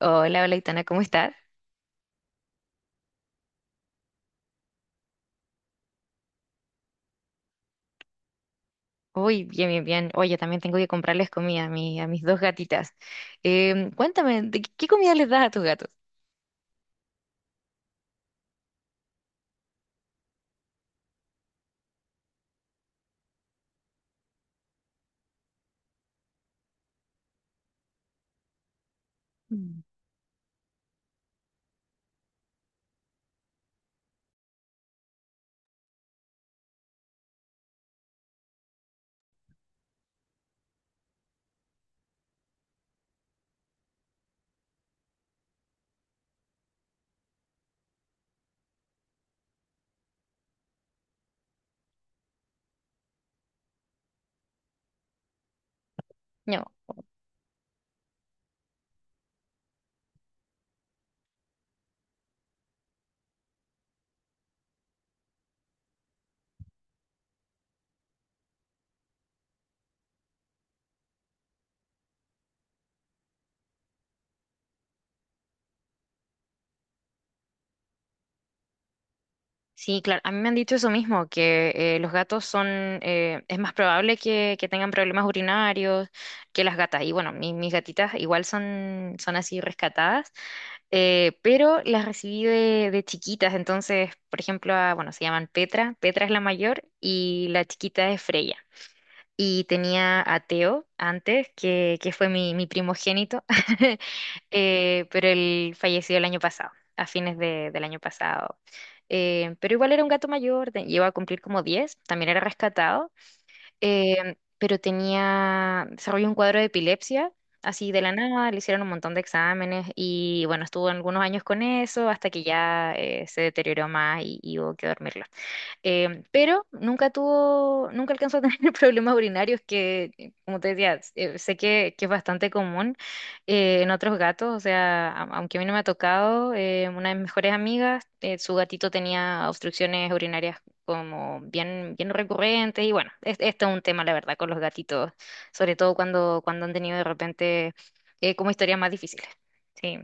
Hola, hola, Itana, ¿cómo estás? Uy, bien, bien, bien. Oye, también tengo que comprarles comida a mis dos gatitas. Cuéntame, ¿de qué comida les das a tus gatos? Mm. No, sí, claro, a mí me han dicho eso mismo, que los gatos son, es más probable que, tengan problemas urinarios que las gatas. Y bueno, mis gatitas igual son, así rescatadas, pero las recibí de, chiquitas, entonces, por ejemplo, bueno, se llaman Petra. Petra es la mayor y la chiquita es Freya. Y tenía a Teo antes, que, fue mi, primogénito, pero él falleció el año pasado, a fines del año pasado. Pero igual era un gato mayor, llegó a cumplir como 10. También era rescatado, pero tenía, desarrolló un cuadro de epilepsia. Así de la nada, le hicieron un montón de exámenes y bueno, estuvo algunos años con eso hasta que ya se deterioró más y hubo que dormirlo. Pero nunca tuvo, nunca alcanzó a tener problemas urinarios que, como te decía, sé que, es bastante común en otros gatos. O sea, aunque a mí no me ha tocado, una de mis mejores amigas, su gatito tenía obstrucciones urinarias como bien, bien recurrentes. Y bueno, esto es un tema, la verdad, con los gatitos, sobre todo cuando, han tenido de repente como historias más difíciles. Sí,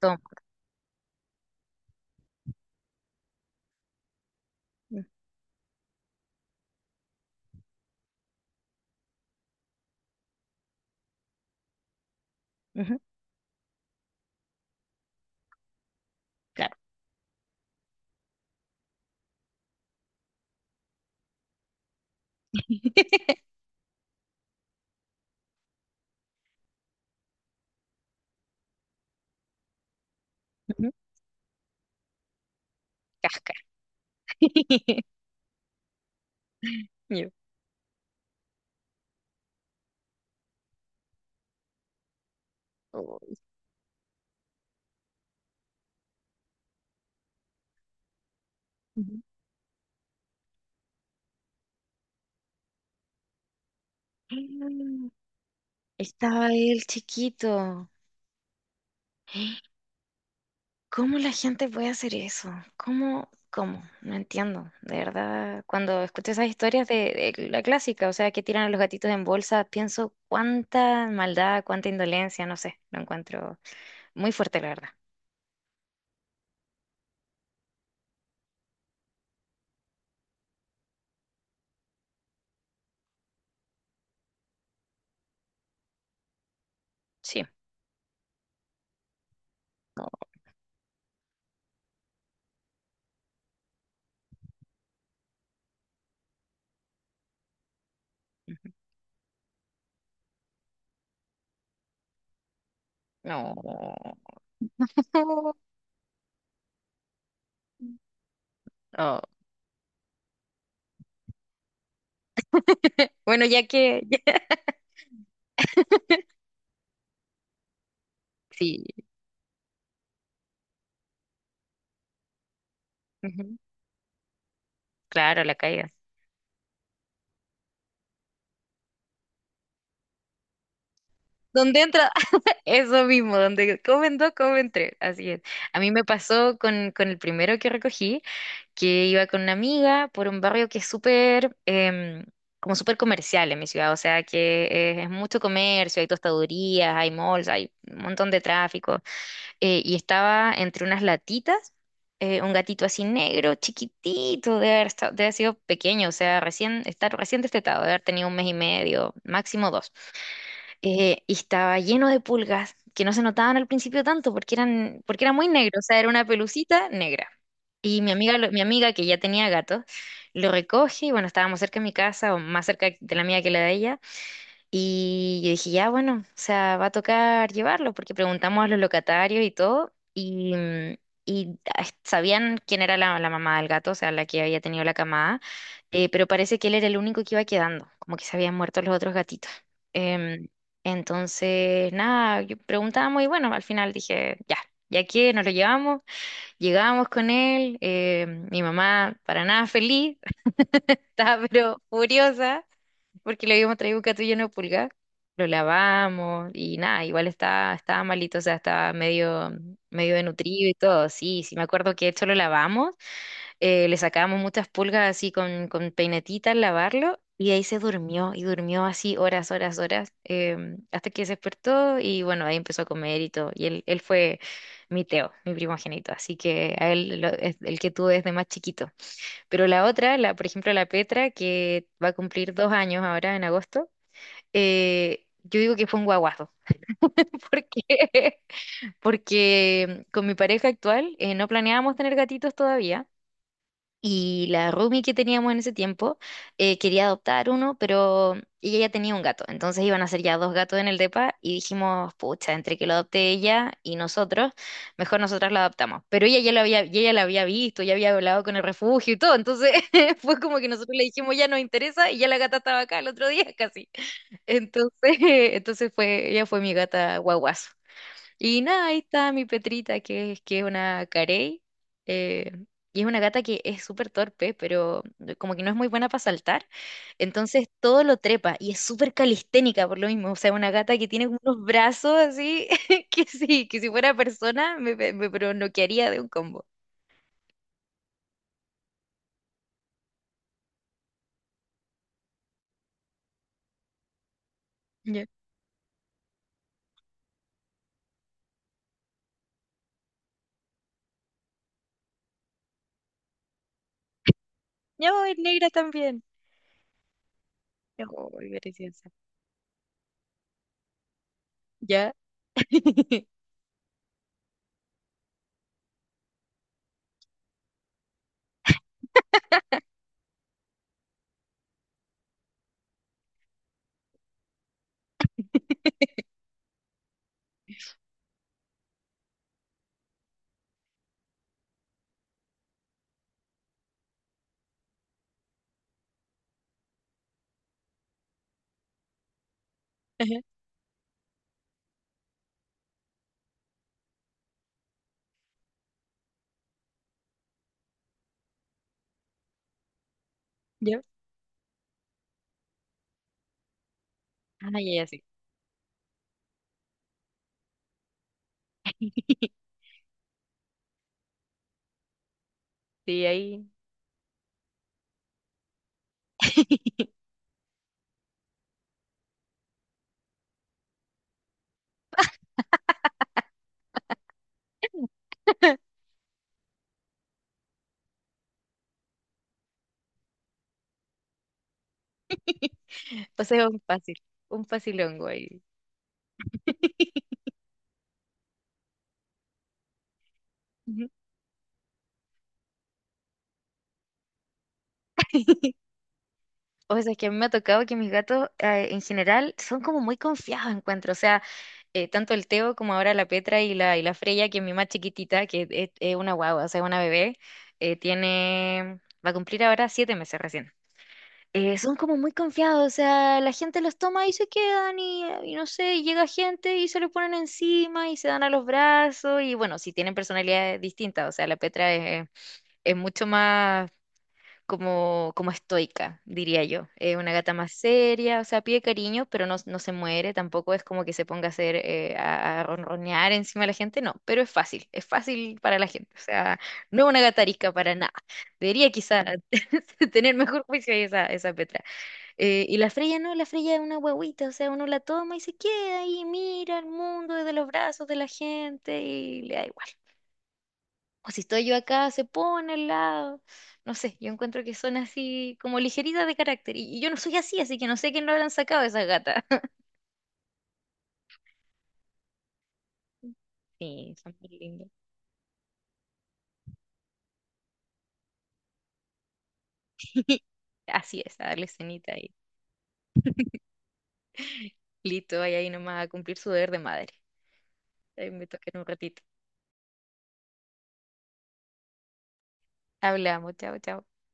toma. Ujú, claro. Ujú. Casca. Yo. Uy. Mm, Estaba él chiquito. ¿Cómo la gente puede hacer eso? ¿Cómo? ¿Cómo? No entiendo. De verdad, cuando escucho esas historias de, la clásica, o sea, que tiran a los gatitos en bolsa, pienso cuánta maldad, cuánta indolencia, no sé, lo encuentro muy fuerte, la verdad. Sí. No. No. Oh. Bueno, ya que... Sí. Ujú. Claro, la caída. ¿Dónde entra? Eso mismo, donde comentré. Así es. A mí me pasó con, el primero que recogí, que iba con una amiga por un barrio que es súper, como súper comercial en mi ciudad. O sea, que es mucho comercio, hay tostadurías, hay malls, hay un montón de tráfico. Y estaba entre unas latitas, un gatito así negro, chiquitito, de haber sido pequeño, o sea, recién, estar recién destetado, de haber tenido un mes y medio, máximo dos. Y estaba lleno de pulgas que no se notaban al principio tanto, porque era muy negro, o sea, era una pelucita negra. Y mi amiga que ya tenía gatos, lo recoge. Y bueno, estábamos cerca de mi casa, o más cerca de la mía que la de ella. Y yo dije, ya, bueno, o sea, va a tocar llevarlo, porque preguntamos a los locatarios y todo, y ah, sabían quién era la, mamá del gato, o sea, la que había tenido la camada, pero parece que él era el único que iba quedando, como que se habían muerto los otros gatitos. Em, entonces, nada, yo preguntamos y bueno, al final dije, ya, ya que nos lo llevamos. Llegamos con él, mi mamá para nada feliz, estaba pero furiosa porque le habíamos traído un gato lleno de pulgas. Lo lavamos y nada, igual estaba, malito, o sea, estaba medio, medio desnutrido y todo. Sí, sí, me acuerdo que esto lo lavamos, le sacábamos muchas pulgas así con, peinetita al lavarlo, y ahí se durmió y durmió así horas, horas, horas, hasta que se despertó y bueno, ahí empezó a comer y todo. Y él fue mi Teo, mi primogénito, así que a él es el que tuve desde más chiquito. Pero la otra, la, por ejemplo, la Petra, que va a cumplir 2 años ahora en agosto, yo digo que fue un guaguazo. porque Porque con mi pareja actual no planeábamos tener gatitos todavía. Y la roomie que teníamos en ese tiempo quería adoptar uno, pero ella ya tenía un gato. Entonces iban a ser ya dos gatos en el depa y dijimos, pucha, entre que lo adopte ella y nosotros, mejor nosotras lo adoptamos. Pero ella ya lo había, y ella la había visto, ya había hablado con el refugio y todo. Entonces fue como que nosotros le dijimos, ya nos interesa y ya la gata estaba acá el otro día casi. Entonces, entonces fue, ella fue mi gata guaguazo. Y nada, ahí está mi Petrita, que es una carey. eh, y es una gata que es súper torpe, pero como que no es muy buena para saltar. Entonces todo lo trepa y es súper calisténica por lo mismo. O sea, una gata que tiene unos brazos así, que sí, que si fuera persona me, me noquearía de un combo. Ya. No, es negra también. Ya. Oh, qué preciosa. Ya. Ajá. Ya. Ah, ya, ya, sí. Sí, ahí. O sea, un facilongo ahí. Ujú. O sea, es que a mí me ha tocado que mis gatos en general son como muy confiados, encuentro. O sea, tanto el Teo como ahora la Petra y y la Freya, que es mi más chiquitita, que es, una guagua, o sea, una bebé, eh, tiene, va a cumplir ahora 7 meses recién. Son como muy confiados, o sea, la gente los toma y se quedan y no sé, y llega gente y se los ponen encima y se dan a los brazos. Y bueno, si tienen personalidades distintas, o sea, la Petra es mucho más como, estoica, diría yo. Es una gata más seria, o sea, pide cariño, pero no, no se muere, tampoco es como que se ponga a hacer, a, ronronear encima de la gente, no, pero es fácil para la gente, o sea, no es una gata arisca para nada. Debería quizá tener mejor juicio ahí esa, Petra. Y la Freya no, la Freya es una huevita, o sea, uno la toma y se queda ahí, mira el mundo desde los brazos de la gente y le da igual. O si estoy yo acá, se pone al lado. No sé, yo encuentro que son así como ligeritas de carácter. Y yo no soy así, así que no sé quién lo habrán sacado de esa gata. Sí, son muy lindos. Así es, a darle cenita y listo, vaya ahí nomás a cumplir su deber de madre. Ahí me toca en un ratito. Hablamos, chao, chao.